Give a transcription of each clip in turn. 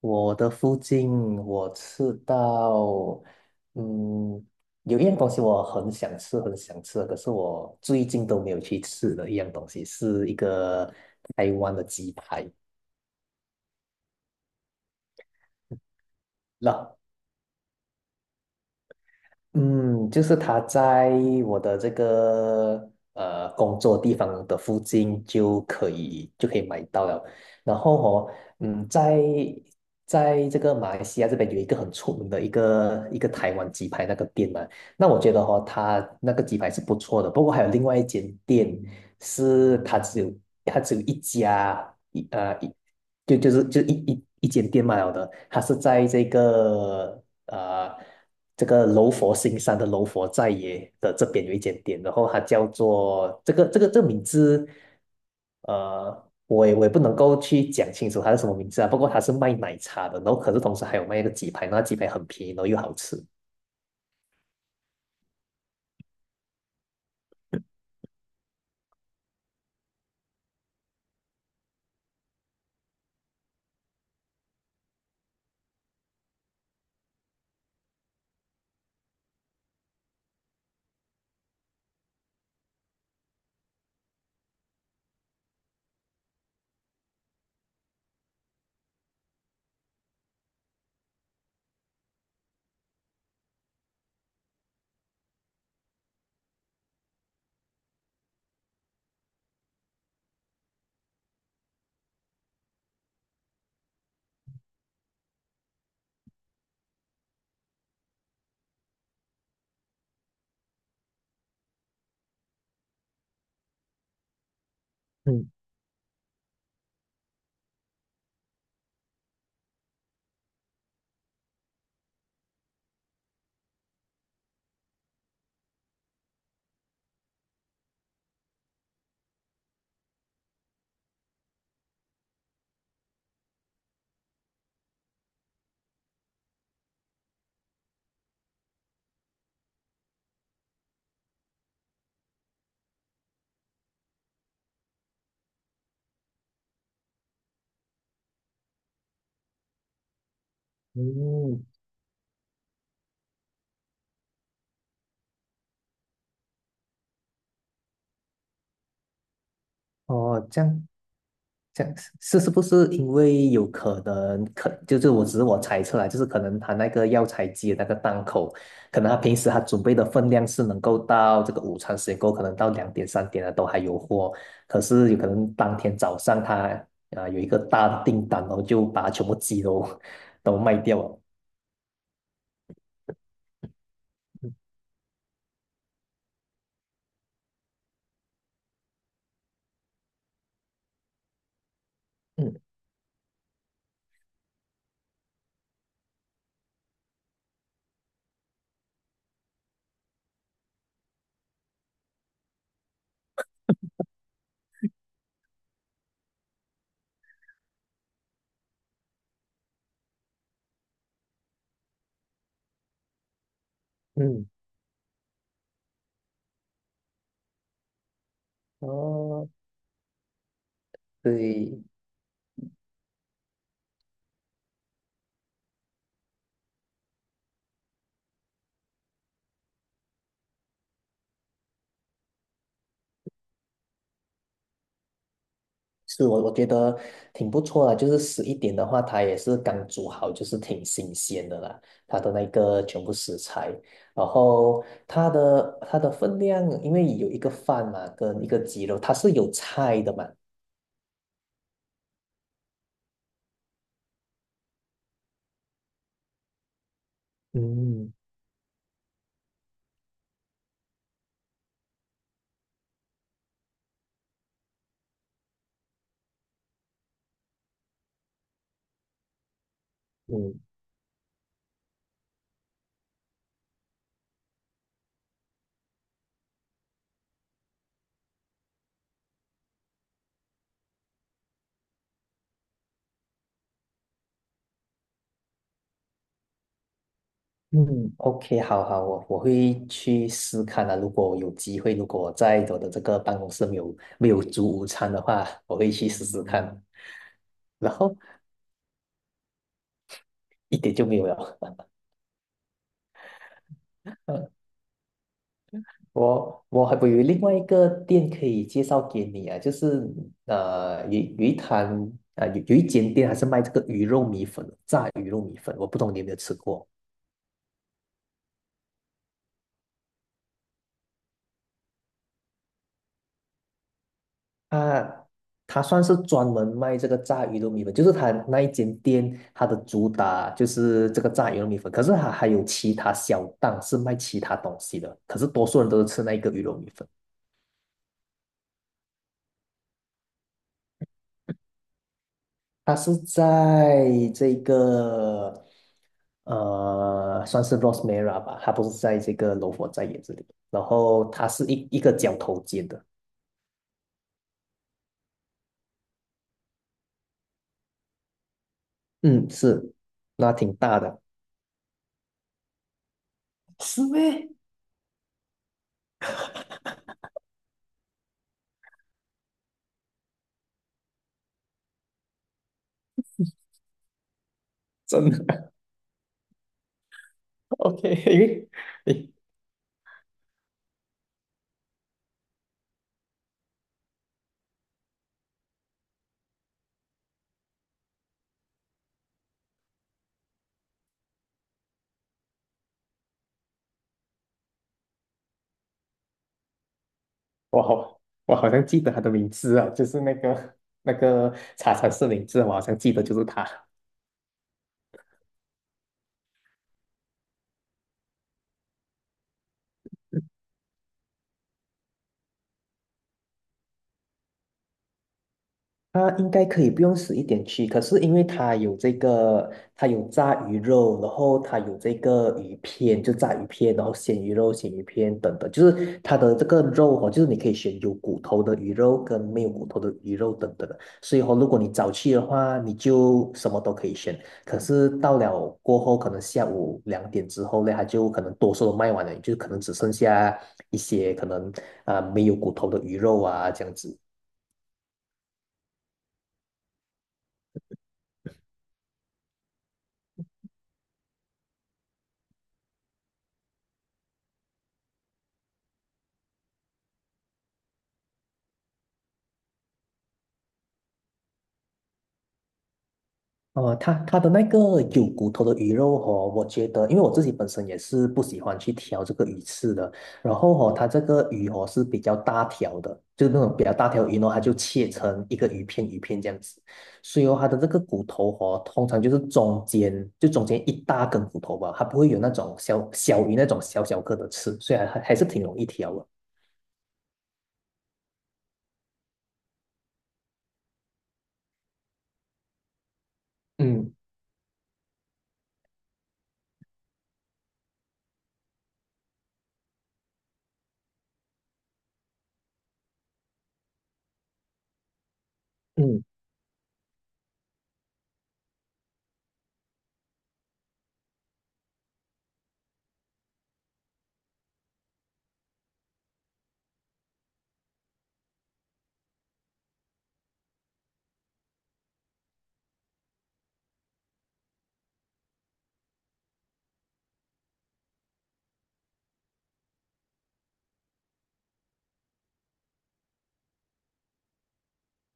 我的附近我吃到，嗯，有一样东西我很想吃，很想吃，可是我最近都没有去吃的一样东西，是一个台湾的鸡排。那嗯，就是他在我的这个工作地方的附近就可以买到了。然后哦，在这个马来西亚这边有一个很出名的一个台湾鸡排那个店嘛，那我觉得哦，它那个鸡排是不错的。不过还有另外一间店是它只有一家一呃一就是一间店卖了的，它是在这个柔佛新山的柔佛寨耶的这边有一间店，然后它叫做这个名字，呃，我也不能够去讲清楚它是什么名字啊，不过它是卖奶茶的，然后可是同时还有卖一个鸡排，那鸡排很便宜，然后又好吃。嗯嗯，哦，这样是不是因为有可能就是我只是猜测啦，就是可能他那个药材机的那个档口，可能他平时他准备的分量是能够到这个午餐时间够，可能到2点3点了都还有货，可是有可能当天早上他啊、有一个大的订单，然后就把全部鸡都 都卖掉了。嗯嗯，哦，对，是我觉得挺不错的，就是11点的话，它也是刚煮好，就是挺新鲜的啦，它的那个全部食材，然后它的分量，因为有一个饭嘛，跟一个鸡肉，它是有菜的嘛。嗯嗯嗯，OK,好好，我会去试看啊。如果有机会，如果在我的这个办公室没有煮午餐的话，我会去试试看。然后一点就没有了。我有另外一个店可以介绍给你啊，就是呃有有一摊啊、有有一间店还是卖这个鱼肉米粉的，炸鱼肉米粉，我不懂你有没有吃过？它它算是专门卖这个炸鱼肉米粉，就是它那一间店它的主打就是这个炸鱼肉米粉，可是它还有其他小档是卖其他东西的，可是多数人都是吃那一个鱼肉米粉。它是在这个呃，算是 Rosmera 吧，它不是在这个罗佛在野这里，然后它是个角头尖的，嗯，是，那挺大的，是咩？真的 ，OK,因为诶，我好像记得他的名字啊，就是那个茶禅寺名字，我好像记得就是他。它应该可以不用死一点去，可是因为它有这个，它有炸鱼肉，然后它有这个鱼片，就炸鱼片，然后鲜鱼肉、鲜鱼片等等，就是它的这个肉哦，就是你可以选有骨头的鱼肉跟没有骨头的鱼肉等等的。所以哦，如果你早去的话，你就什么都可以选。可是到了过后，可能下午2点之后呢，它就可能多数都卖完了，就可能只剩下一些可能啊、没有骨头的鱼肉啊这样子。呃，它的那个有骨头的鱼肉哦，我觉得，因为我自己本身也是不喜欢去挑这个鱼刺的。然后哦，它这个鱼哦是比较大条的，就是那种比较大条鱼呢，它就切成一个鱼片鱼片这样子。所以哦，它的这个骨头哦，通常就是中间一大根骨头吧，它不会有那种小小鱼那种小小个的刺，所以还是挺容易挑的。嗯嗯，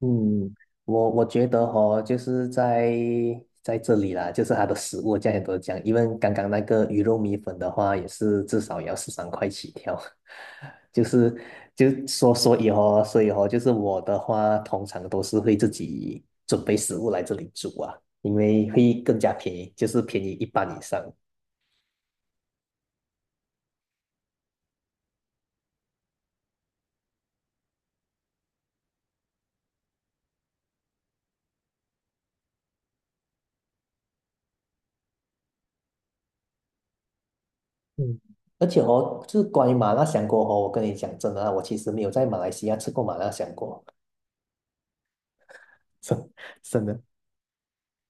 嗯，我觉得哈，就是在这里啦，就是它的食物价钱都是这样，因为刚刚那个鱼肉米粉的话，也是至少也要13块起跳，就是就说所以哦，就是我的话，通常都是会自己准备食物来这里煮啊，因为会更加便宜，就是便宜一半以上。嗯，而且哦，就是关于麻辣香锅哦，我跟你讲真的啊，我其实没有在马来西亚吃过麻辣香锅。真真的，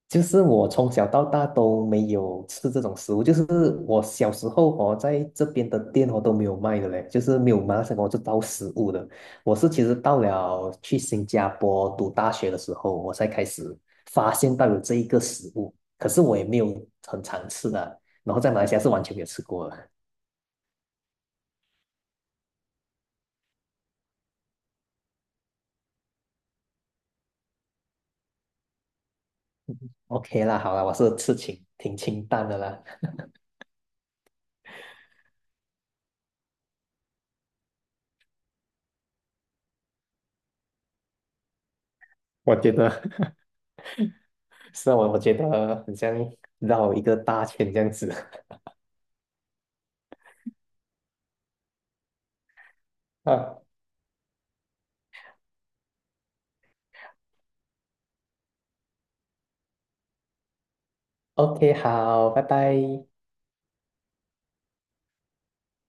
就是我从小到大都没有吃这种食物，就是我小时候哦，在这边的店哦都没有卖的嘞，就是没有马来西亚我这道食物的。我是其实到了去新加坡读大学的时候，我才开始发现到有这一个食物，可是我也没有很常吃的，然后在马来西亚是完全没有吃过的。OK 啦，好啦，我是吃清挺清淡的啦，我觉得 是啊，我觉得很像绕一个大圈这样子 啊。OK,好，拜拜。